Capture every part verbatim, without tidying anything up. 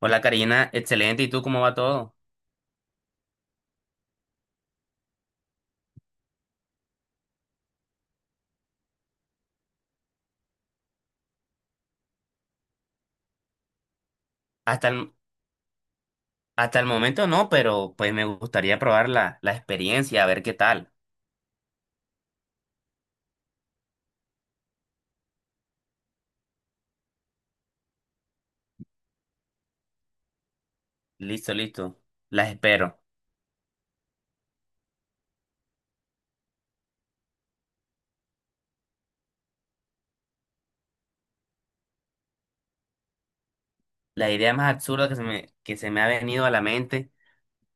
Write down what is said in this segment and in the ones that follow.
Hola Karina, excelente. ¿Y tú cómo va todo? Hasta el, Hasta el momento no, pero pues me gustaría probar la, la experiencia, a ver qué tal. Listo, listo. Las espero. La idea más absurda que se me, que se me ha venido a la mente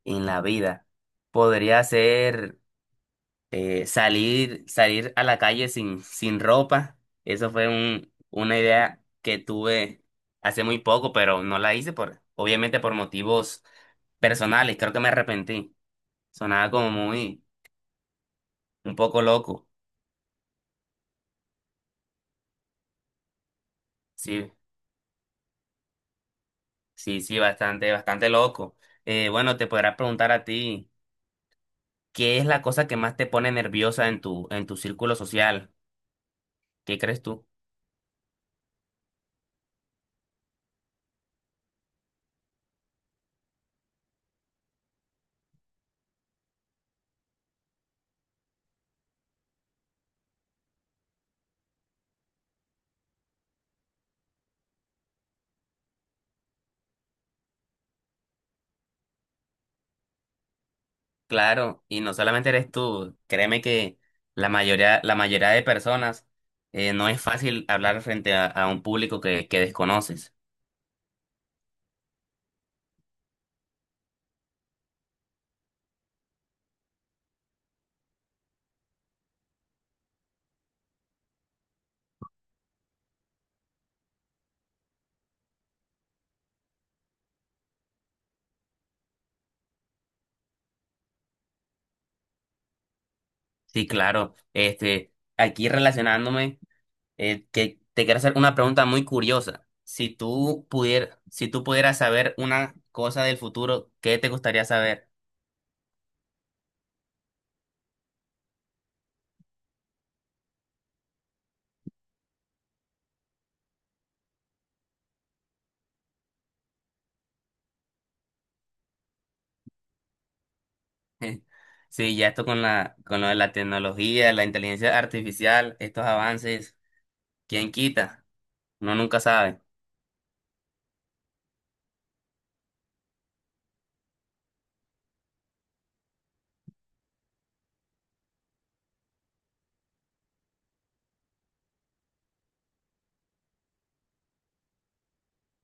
en la vida podría ser eh, salir, salir a la calle sin, sin ropa. Eso fue un, una idea que tuve hace muy poco, pero no la hice por, obviamente por motivos personales. Creo que me arrepentí. Sonaba como muy un poco loco, sí, sí, sí, bastante, bastante loco. Eh, bueno, te podrás preguntar a ti, ¿qué es la cosa que más te pone nerviosa en tu, en tu círculo social? ¿Qué crees tú? Claro, y no solamente eres tú, créeme que la mayoría, la mayoría de personas eh, no es fácil hablar frente a, a un público que, que desconoces. Sí, claro, este, aquí relacionándome. Eh, que te quiero hacer una pregunta muy curiosa. Si tú pudier, si tú pudieras saber una cosa del futuro, ¿qué te gustaría saber? Sí, ya esto con la, con lo de la tecnología, la inteligencia artificial, estos avances, ¿quién quita? Uno nunca sabe.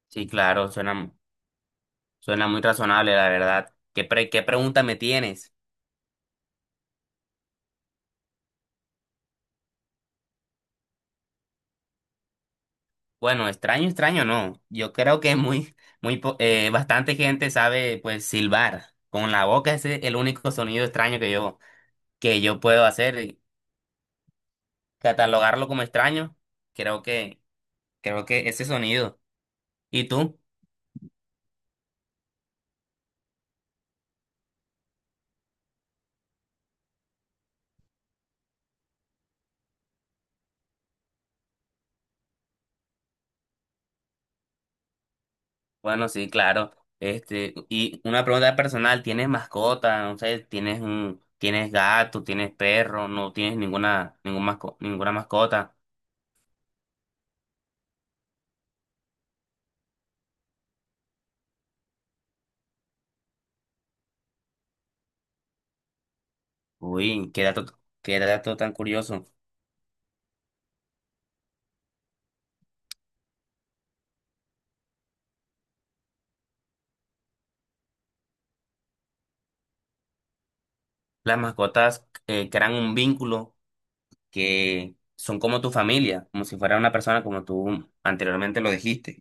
Sí, claro, suena, suena muy razonable, la verdad. ¿Qué pre- ¿qué pregunta me tienes? Bueno, extraño, extraño, no. Yo creo que muy, muy, po- eh, bastante gente sabe, pues, silbar. Con la boca ese es el único sonido extraño que yo que yo puedo hacer, y catalogarlo como extraño, creo que, creo que ese sonido. ¿Y tú? Bueno, sí, claro. Este, y una pregunta personal, ¿tienes mascota? No sé, ¿tienes un, tienes gato, tienes perro, no tienes ninguna, ningún masco- ninguna mascota? Uy, qué dato, qué dato tan curioso. Las mascotas eh, crean un vínculo que son como tu familia, como si fuera una persona como tú anteriormente lo dijiste.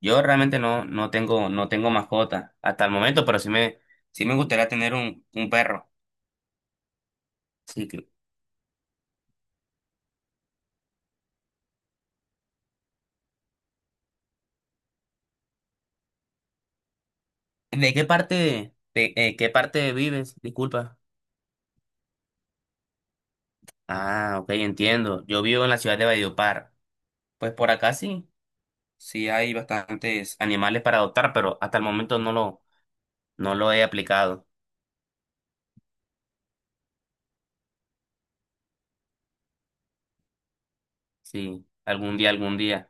Yo realmente no, no tengo, no tengo mascota hasta el momento, pero sí me, sí me gustaría tener un, un perro. Sí, que- ¿De qué parte, de, eh, qué parte vives? Disculpa. Ah, ok, entiendo. Yo vivo en la ciudad de Valledupar. Pues por acá sí, sí hay bastantes animales para adoptar, pero hasta el momento no lo, no lo he aplicado. Sí, algún día, algún día.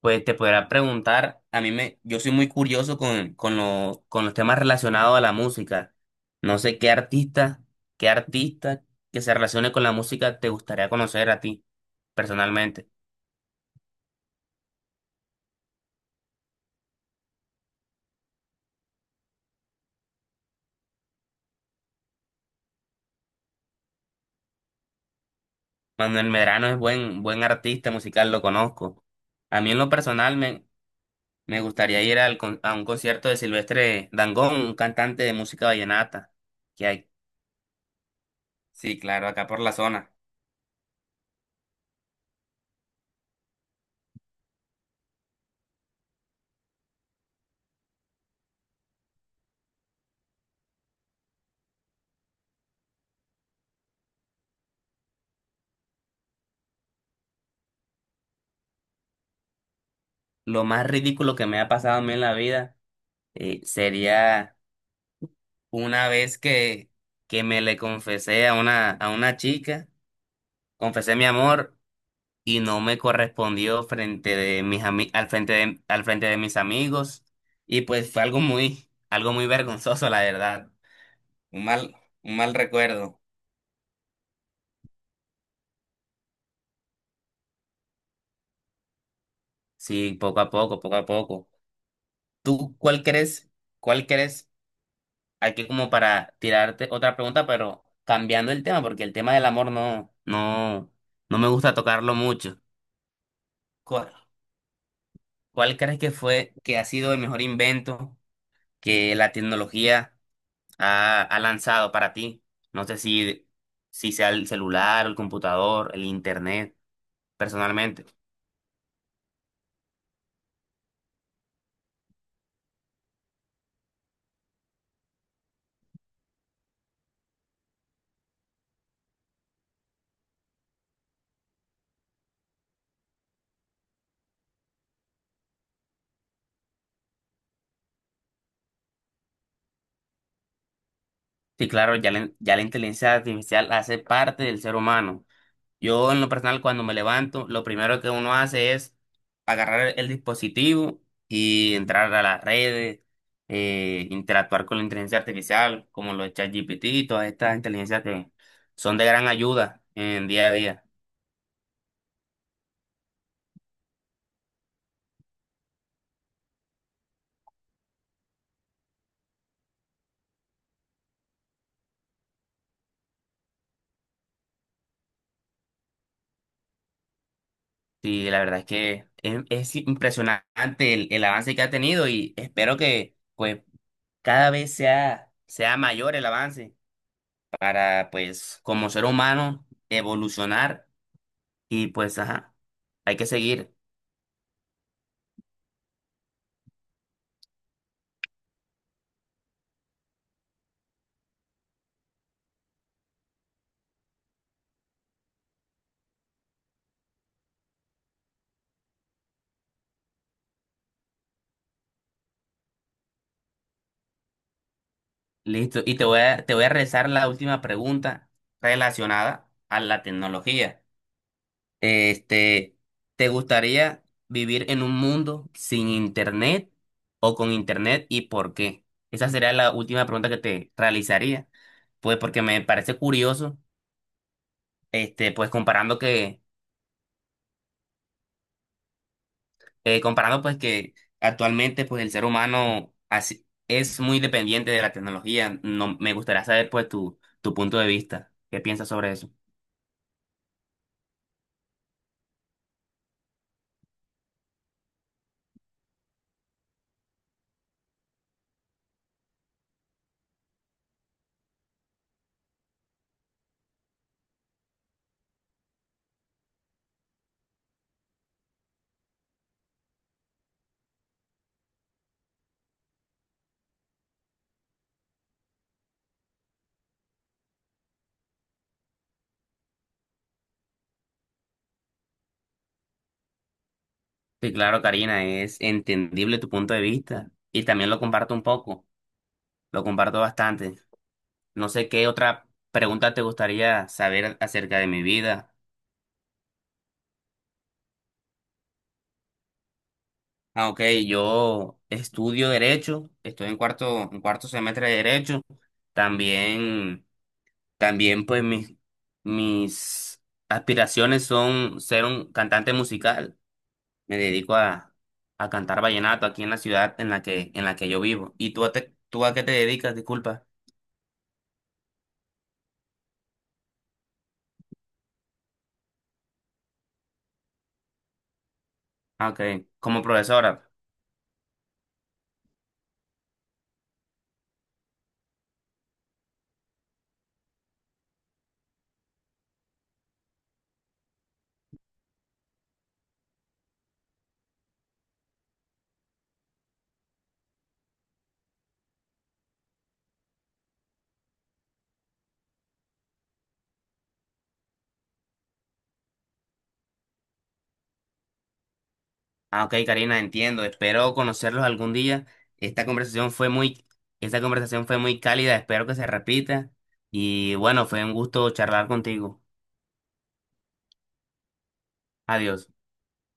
Pues te podrá preguntar, a mí me, yo soy muy curioso con, con, lo- con los temas relacionados a la música. No sé qué artista, Qué artista que se relacione con la música te gustaría conocer a ti, personalmente. Manuel Medrano es buen, buen artista musical, lo conozco. A mí en lo personal me, me gustaría ir al, con- a un concierto de Silvestre Dangond, un cantante de música vallenata, que hay, sí, claro, acá por la zona. Lo más ridículo que me ha pasado a mí en la vida eh, sería una vez que, que me le confesé a una, a una chica, confesé mi amor y no me correspondió frente de mis ami- al frente de, al frente de mis amigos. Y pues fue algo muy, algo muy vergonzoso, la verdad. Un mal, un mal recuerdo. Sí, poco a poco, poco a poco. ¿Tú cuál crees? ¿Cuál crees? Aquí como para tirarte otra pregunta, pero cambiando el tema, porque el tema del amor no, no, no me gusta tocarlo mucho. ¿Cuál? ¿Cuál crees que fue, que ha sido el mejor invento que la tecnología ha, ha lanzado para ti? No sé si, si sea el celular, el computador, el internet, personalmente. Sí, claro, ya la, ya la inteligencia artificial hace parte del ser humano. Yo en lo personal cuando me levanto, lo primero que uno hace es agarrar el dispositivo y entrar a las redes, eh, interactuar con la inteligencia artificial, como los ChatGPT y todas estas inteligencias que son de gran ayuda en día a día. Y la verdad es que es, es impresionante el, el avance que ha tenido y espero que pues cada vez sea, sea mayor el avance para pues como ser humano evolucionar y pues ajá, hay que seguir. Listo, y te voy a, te voy a realizar la última pregunta relacionada a la tecnología. Este, ¿te gustaría vivir en un mundo sin internet o con internet y por qué? Esa sería la última pregunta que te realizaría. Pues porque me parece curioso, este, pues comparando que, eh, comparando pues que actualmente pues el ser humano así, es muy dependiente de la tecnología. No, me gustaría saber pues tu, tu punto de vista. ¿Qué piensas sobre eso? Sí, claro, Karina, es entendible tu punto de vista y también lo comparto un poco, lo comparto bastante. No sé qué otra pregunta te gustaría saber acerca de mi vida. Ah, ok, yo estudio Derecho, estoy en cuarto, en cuarto semestre de Derecho. También, También pues mis, mis aspiraciones son ser un cantante musical. Me dedico a, a cantar vallenato aquí en la ciudad en la que, en la que yo vivo. ¿Y tú, a te- ¿tú a qué te dedicas? Disculpa. Ah, ok, como profesora. Ah, ok, Karina, entiendo. Espero conocerlos algún día. Esta conversación fue muy, Esta conversación fue muy cálida. Espero que se repita. Y bueno, fue un gusto charlar contigo. Adiós.